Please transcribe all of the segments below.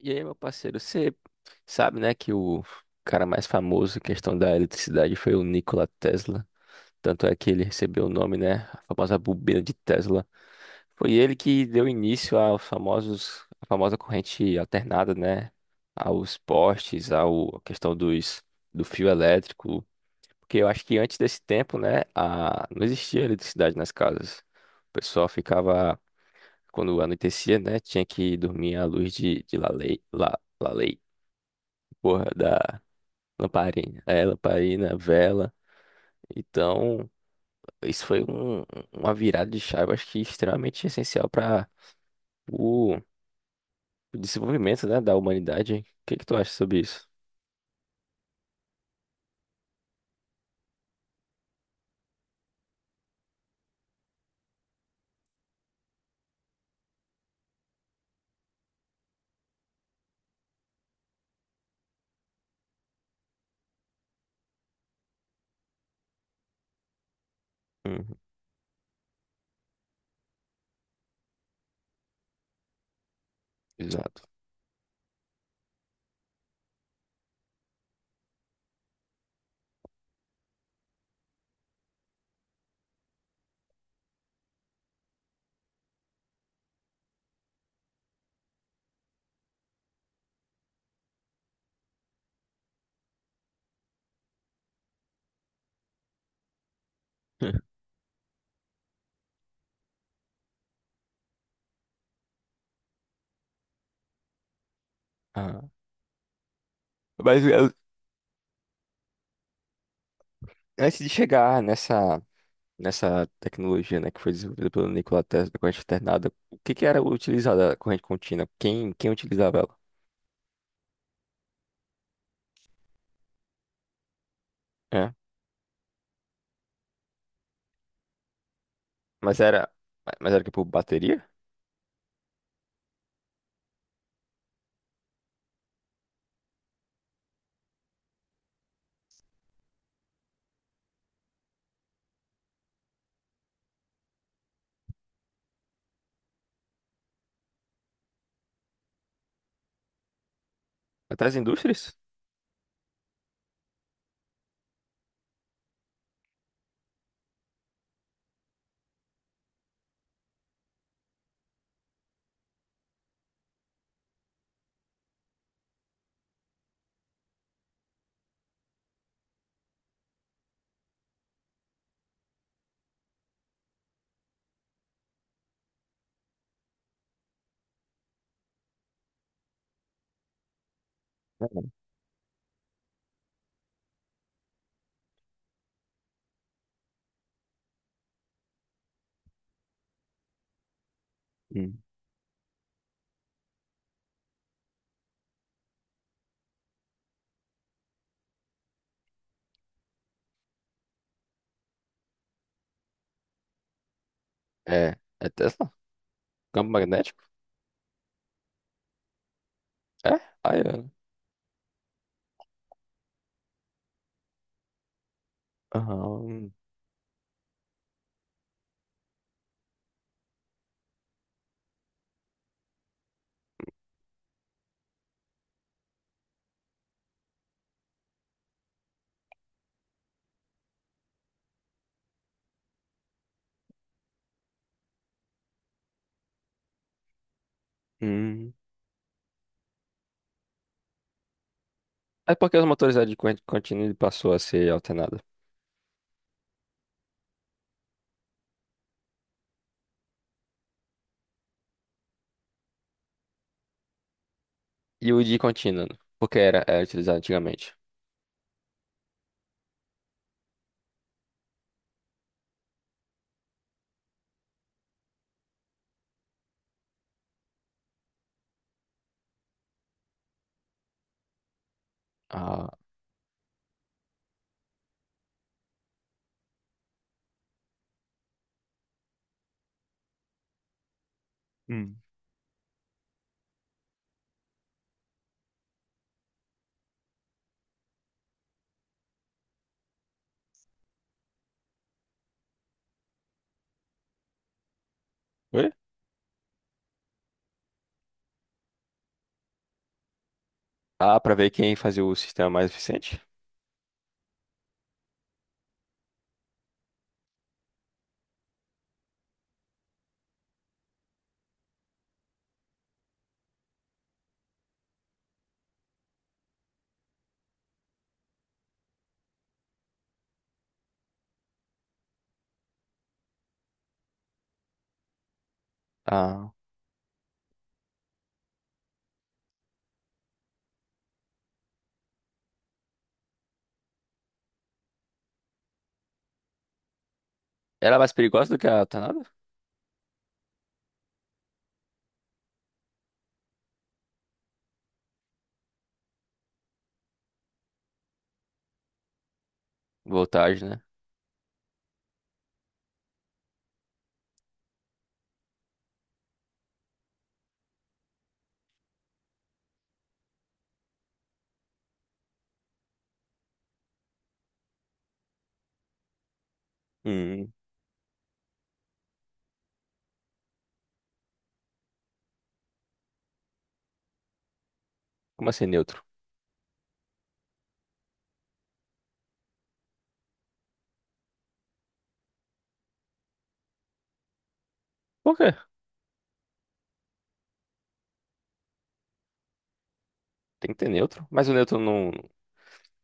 E aí, meu parceiro, você sabe, né, que o cara mais famoso em questão da eletricidade foi o Nikola Tesla. Tanto é que ele recebeu o nome, né, a famosa bobina de Tesla. Foi ele que deu início aos famosos, a famosa corrente alternada, né, aos postes, ao, à questão dos, do fio elétrico. Porque eu acho que antes desse tempo, né, a, não existia eletricidade nas casas. O pessoal ficava, quando anoitecia, né, tinha que dormir à luz de, de lalei. Porra, da lamparina. É, lamparina, vela. Então, isso foi um- uma virada de chave, acho que extremamente essencial para o o desenvolvimento, né, da humanidade. O que que tu acha sobre isso? Uhum, exato. Ah, mas eu- antes de chegar nessa, nessa tecnologia, né, que foi desenvolvida pelo Nikola Tesla, da corrente alternada, o que que era utilizada a corrente contínua? Quem, quem utilizava ela? É, mas era, mas era que por bateria? Até as indústrias? Uhum. É, é Tesla? Campo magnético? É? Aí, é. Aham. Hum. É porque os motores eram de corrente contínua e passou a ser alternada. E o de contínua, né? Porque era, era utilizado antigamente. Ah, hum. Oi? Ah, pra ver quem fazia o sistema mais eficiente? Ah, ela é mais perigosa do que a alternada? Voltagem, né? Hum. Como assim neutro? Por quê? Tem que ter neutro. Mas o neutro não.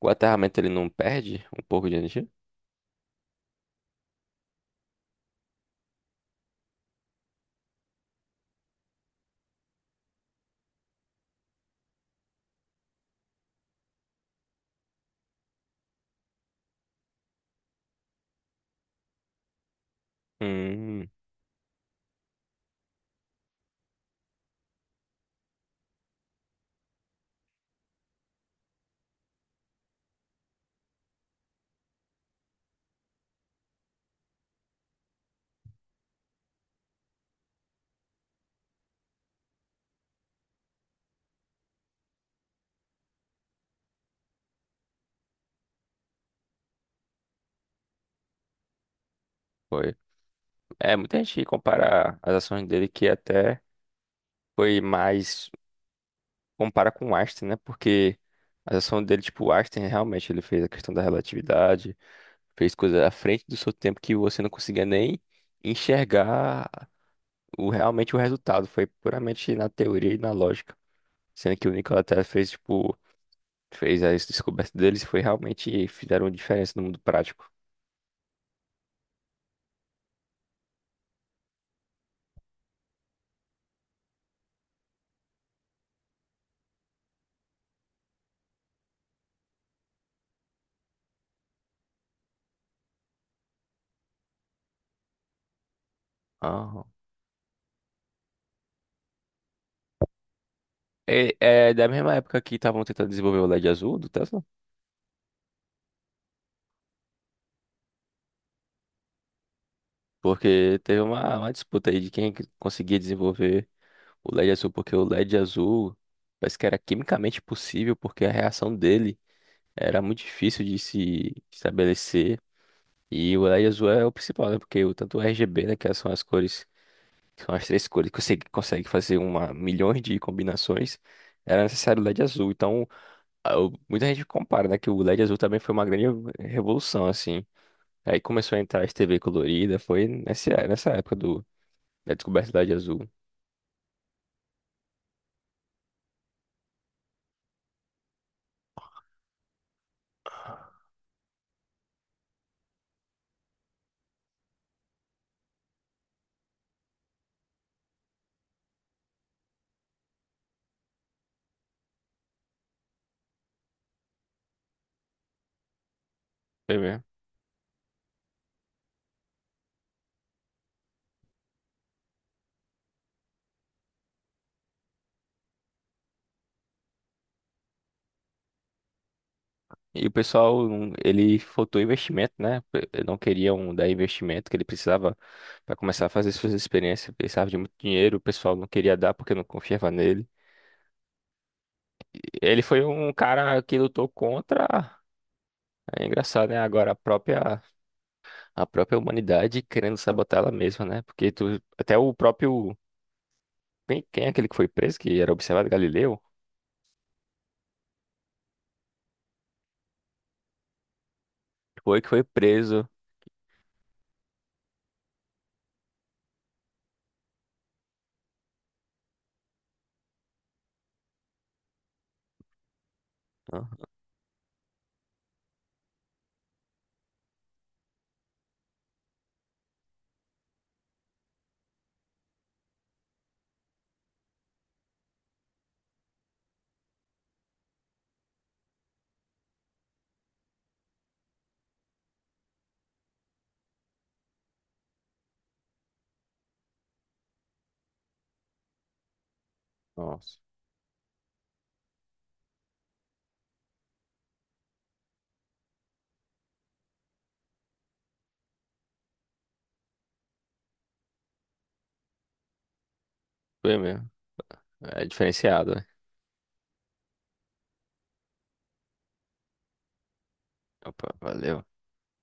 O aterramento ele não perde um pouco de energia? Hum. Foi. É, muita gente compara as ações dele que é até. Foi mais. Compara com Einstein, né? Porque a ação dele, tipo, Einstein realmente ele fez a questão da relatividade, fez coisas à frente do seu tempo que você não conseguia nem enxergar o, realmente o resultado. Foi puramente na teoria e na lógica. Sendo que o Nikola Tesla fez, tipo, fez as descobertas deles e foi realmente fizeram diferença no mundo prático. Ah. É, é da mesma época que estavam tentando desenvolver o LED azul do Tesla, porque teve uma disputa aí de quem que conseguia desenvolver. O LED azul, porque o LED azul parece que era quimicamente possível, porque a reação dele era muito difícil de se estabelecer. E o LED azul é o principal, né? Porque o, tanto o RGB, né, que são as cores, que são as três cores que você consegue fazer uma, milhões de combinações, era necessário o LED azul. Então, muita gente compara, né, que o LED azul também foi uma grande revolução, assim. Aí começou a entrar as TV colorida, foi nessa, nessa época do, da descoberta do LED azul. Foi mesmo. E o pessoal, ele faltou investimento, né? Não queriam dar investimento que ele precisava para começar a fazer suas experiências. Precisava de muito dinheiro, o pessoal não queria dar porque não confiava nele. Ele foi um cara que lutou contra. É engraçado, né? Agora a própria humanidade querendo sabotar ela mesma, né? Porque tu, até o próprio. Quem, quem é aquele que foi preso, que era observado Galileu? Foi que foi preso. Ah, nossa. Foi mesmo. É diferenciado, né? Opa, valeu.